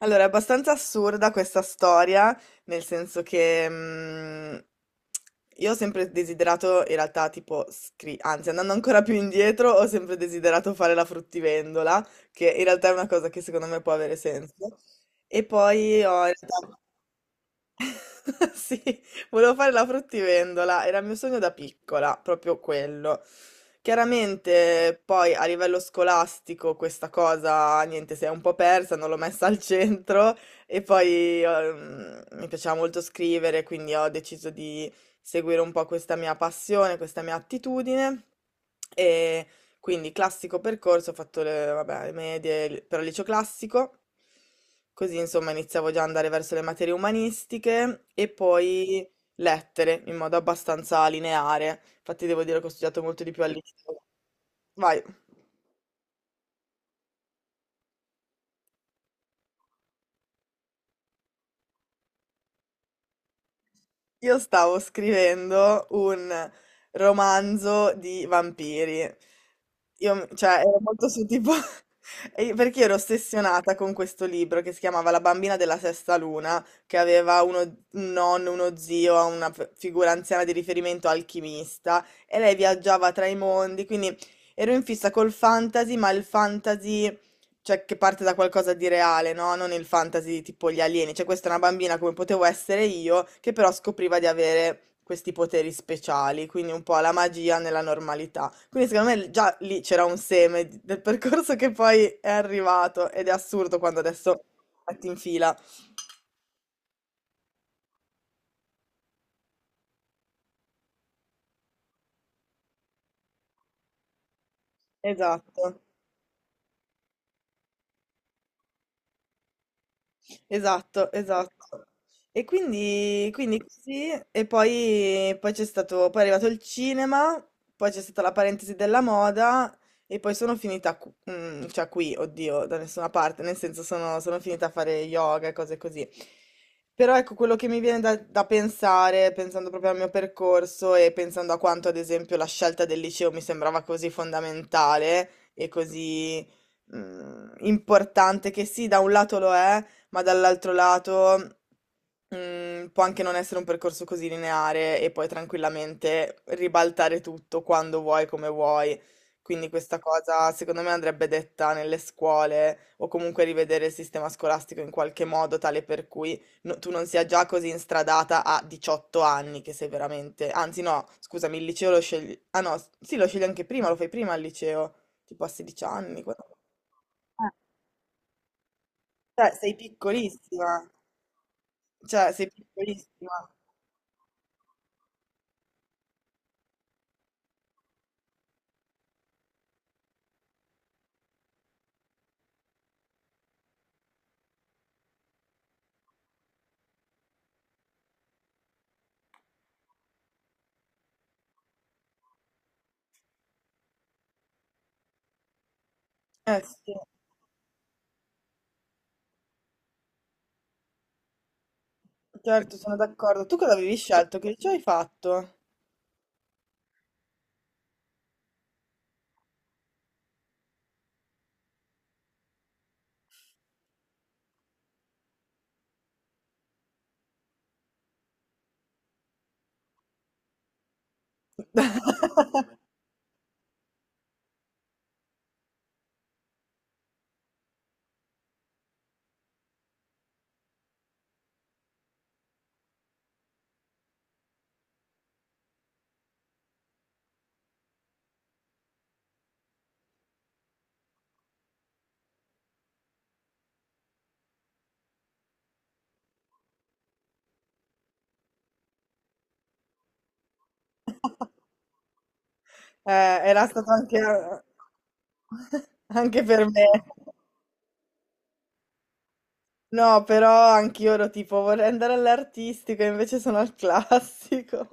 Allora, è abbastanza assurda questa storia, nel senso che io ho sempre desiderato, in realtà, tipo, andando ancora più indietro, ho sempre desiderato fare la fruttivendola, che in realtà è una cosa che secondo me può avere senso. E poi ho in realtà Sì, volevo fare la fruttivendola, era il mio sogno da piccola, proprio quello. Chiaramente poi a livello scolastico questa cosa, niente, si è un po' persa, non l'ho messa al centro e poi mi piaceva molto scrivere, quindi ho deciso di seguire un po' questa mia passione, questa mia attitudine, quindi classico percorso, ho fatto le, vabbè, le medie, però liceo classico, così insomma iniziavo già ad andare verso le materie umanistiche e poi lettere in modo abbastanza lineare. Infatti devo dire che ho studiato molto di più al liceo. Vai. Io stavo scrivendo un romanzo di vampiri. Io, cioè, ero molto su tipo... Perché ero ossessionata con questo libro che si chiamava La bambina della sesta luna, che aveva uno, un nonno, uno zio, una figura anziana di riferimento alchimista, e lei viaggiava tra i mondi, quindi ero in fissa col fantasy, ma il fantasy, cioè che parte da qualcosa di reale, no? Non il fantasy tipo gli alieni. Cioè, questa è una bambina come potevo essere io, che però scopriva di avere questi poteri speciali, quindi un po' la magia nella normalità. Quindi secondo me già lì c'era un seme del percorso che poi è arrivato ed è assurdo quando adesso metti in fila. Esatto. Esatto, esatto. E quindi, quindi così, e poi, poi c'è stato, poi è arrivato il cinema, poi c'è stata la parentesi della moda e poi sono finita, cioè qui, oddio, da nessuna parte, nel senso sono, sono finita a fare yoga e cose così. Però ecco, quello che mi viene da, da pensare, pensando proprio al mio percorso e pensando a quanto, ad esempio, la scelta del liceo mi sembrava così fondamentale e così, importante, che sì, da un lato lo è, ma dall'altro lato può anche non essere un percorso così lineare e poi tranquillamente ribaltare tutto quando vuoi, come vuoi. Quindi questa cosa secondo me andrebbe detta nelle scuole o comunque rivedere il sistema scolastico in qualche modo tale per cui tu non sia già così instradata a 18 anni che sei veramente... Anzi no, scusami, il liceo lo scegli... Ah no, sì, lo scegli anche prima, lo fai prima al liceo, tipo a 16 anni. Cioè, sei piccolissima. Cioè, sei piccolissima. Eh sì, certo, sono d'accordo. Tu cosa avevi scelto? Che liceo hai fatto? Eh, era stato anche, anche per me. No, però anch'io ero tipo, vorrei andare all'artistico, e invece sono al classico.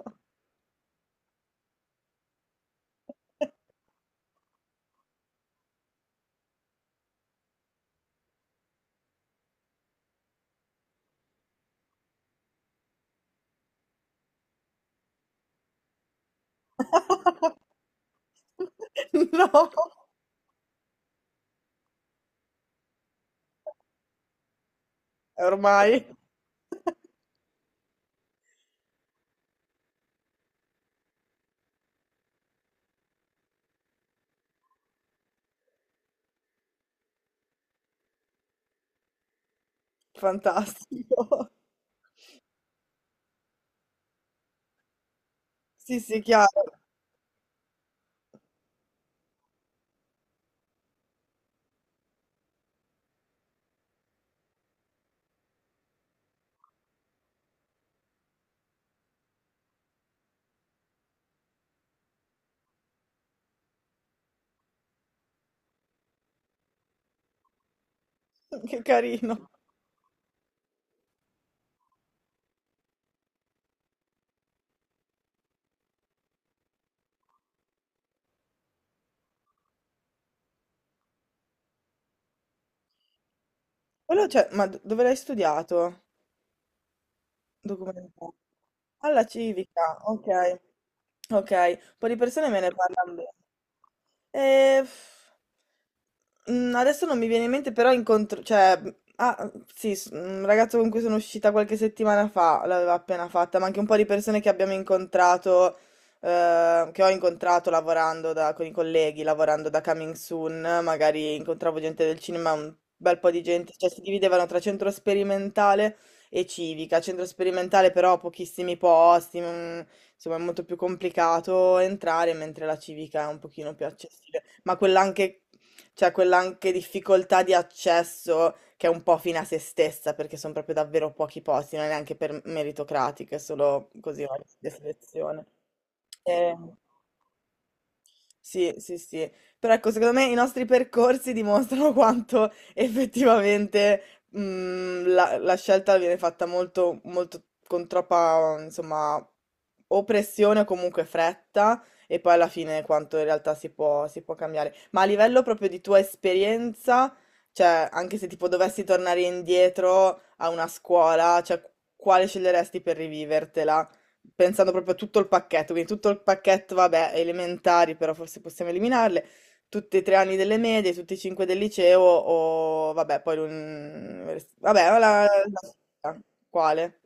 No, ormai. Fantastico. Sì, sì, chiaro. Che carino. Quello, cioè, ma dove l'hai studiato? Documentale. Alla civica, ok. Okay, un po' di persone me ne parlan bene. Ehm, mhmm, adesso non mi viene in mente, però incontr cioè, mhmm, ah, sì, s un ragazzo con cui sono uscita qualche settimana fa l'aveva appena fatta, ma anche un po' di persone che abbiamo incontrato, che ho incontrato lavorando da con i colleghi, lavorando da Coming Soon, magari incontravo gente del cinema, un bel po' di gente, cioè si dividevano tra centro sperimentale e civica. Centro sperimentale però pochissimi posti, non insomma è molto più complicato entrare, mentre la civica è un pochino più accessibile, ma quella anche, cioè quella anche difficoltà di accesso che è un po' fine a se stessa, perché sono proprio davvero pochi posti, non è neanche per meritocratiche, è solo così una selezione. Eh, sì, sì, sì. Però ecco, secondo me i nostri percorsi dimostrano quanto effettivamente la scelta viene fatta molto, molto con troppa, insomma, o pressione o comunque fretta, e poi alla fine quanto in realtà si può cambiare. Ma a livello proprio di tua esperienza, cioè, anche se tipo dovessi tornare indietro a una scuola, cioè, quale sceglieresti per rivivertela? Pensando proprio a tutto il pacchetto, quindi tutto il pacchetto, vabbè, elementari, però forse possiamo eliminarle, tutti e tre anni delle medie, tutti e cinque del liceo, o vabbè, poi l'università. Vabbè, la- quale?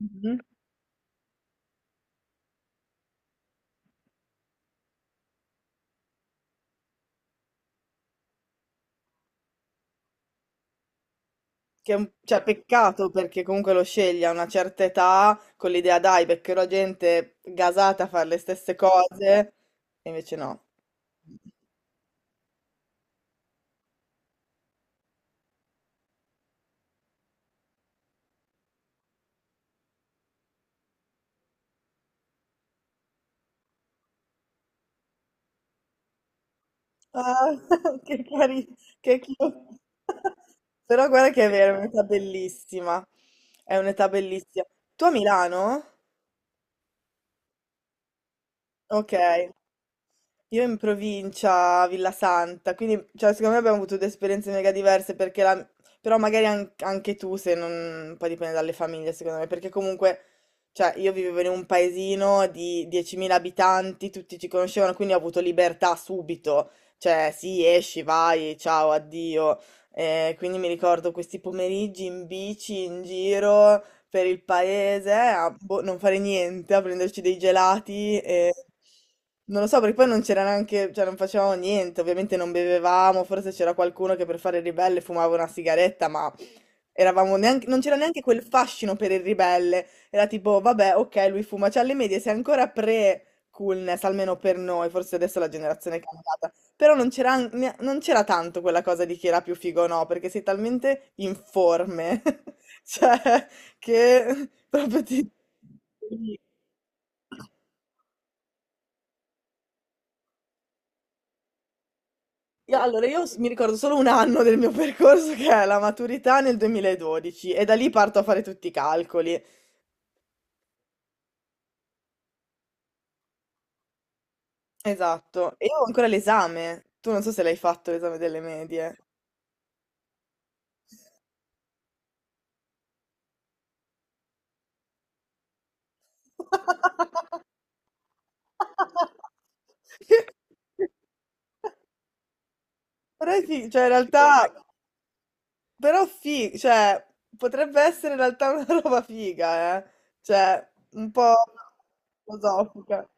Mhm. Che è un, cioè, peccato perché comunque lo scegli a una certa età con l'idea, dai, beccherò gente gasata a fare le stesse cose, e invece no. Ah, che carino, che cute. Però guarda che è vero, è un'età bellissima. È un'età bellissima. Tu a Milano? Ok. Io in provincia, a Villa Santa, quindi cioè, secondo me abbiamo avuto due esperienze mega diverse, perché però magari anche tu, se non... poi dipende dalle famiglie, secondo me, perché comunque, cioè, io vivevo in un paesino di 10.000 abitanti, tutti ci conoscevano, quindi ho avuto libertà subito, cioè, sì, esci, vai, ciao, addio. Quindi mi ricordo questi pomeriggi in bici, in giro, per il paese, a boh, non fare niente, a prenderci dei gelati e... Non lo so, perché poi non c'era neanche, cioè non facevamo niente, ovviamente non bevevamo, forse c'era qualcuno che per fare il ribelle fumava una sigaretta, ma eravamo neanche, non c'era neanche quel fascino per il ribelle, era tipo, vabbè, ok, lui fuma, cioè alle medie sei ancora pre-coolness, almeno per noi, forse adesso la generazione è cambiata, però non c'era non c'era tanto quella cosa di chi era più figo o no, perché sei talmente informe, cioè che proprio ti... Allora, io mi ricordo solo un anno del mio percorso che è la maturità nel 2012 e da lì parto a fare tutti i calcoli. Esatto. E io ho ancora l'esame. Tu non so se l'hai fatto l'esame delle medie. Però sì, cioè in realtà cioè, potrebbe essere in realtà una roba figa, eh. Cioè, un po' filosofica,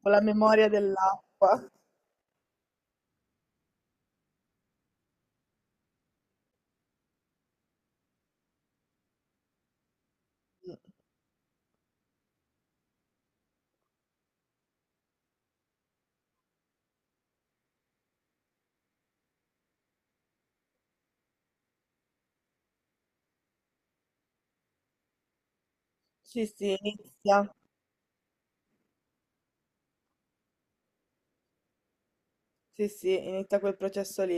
con la memoria dell'acqua. Mm. Sì, sì, inizia. Sì, sì, inizia quel processo lì.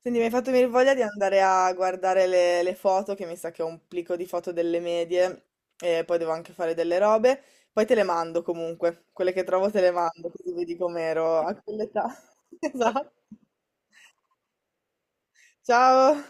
Senti, mi hai fatto venire voglia di andare a guardare le foto, che mi sa che ho un plico di foto delle medie, e poi devo anche fare delle robe. Poi te le mando comunque, quelle che trovo te le mando, così vedi com'ero a quell'età. Esatto. Ciao!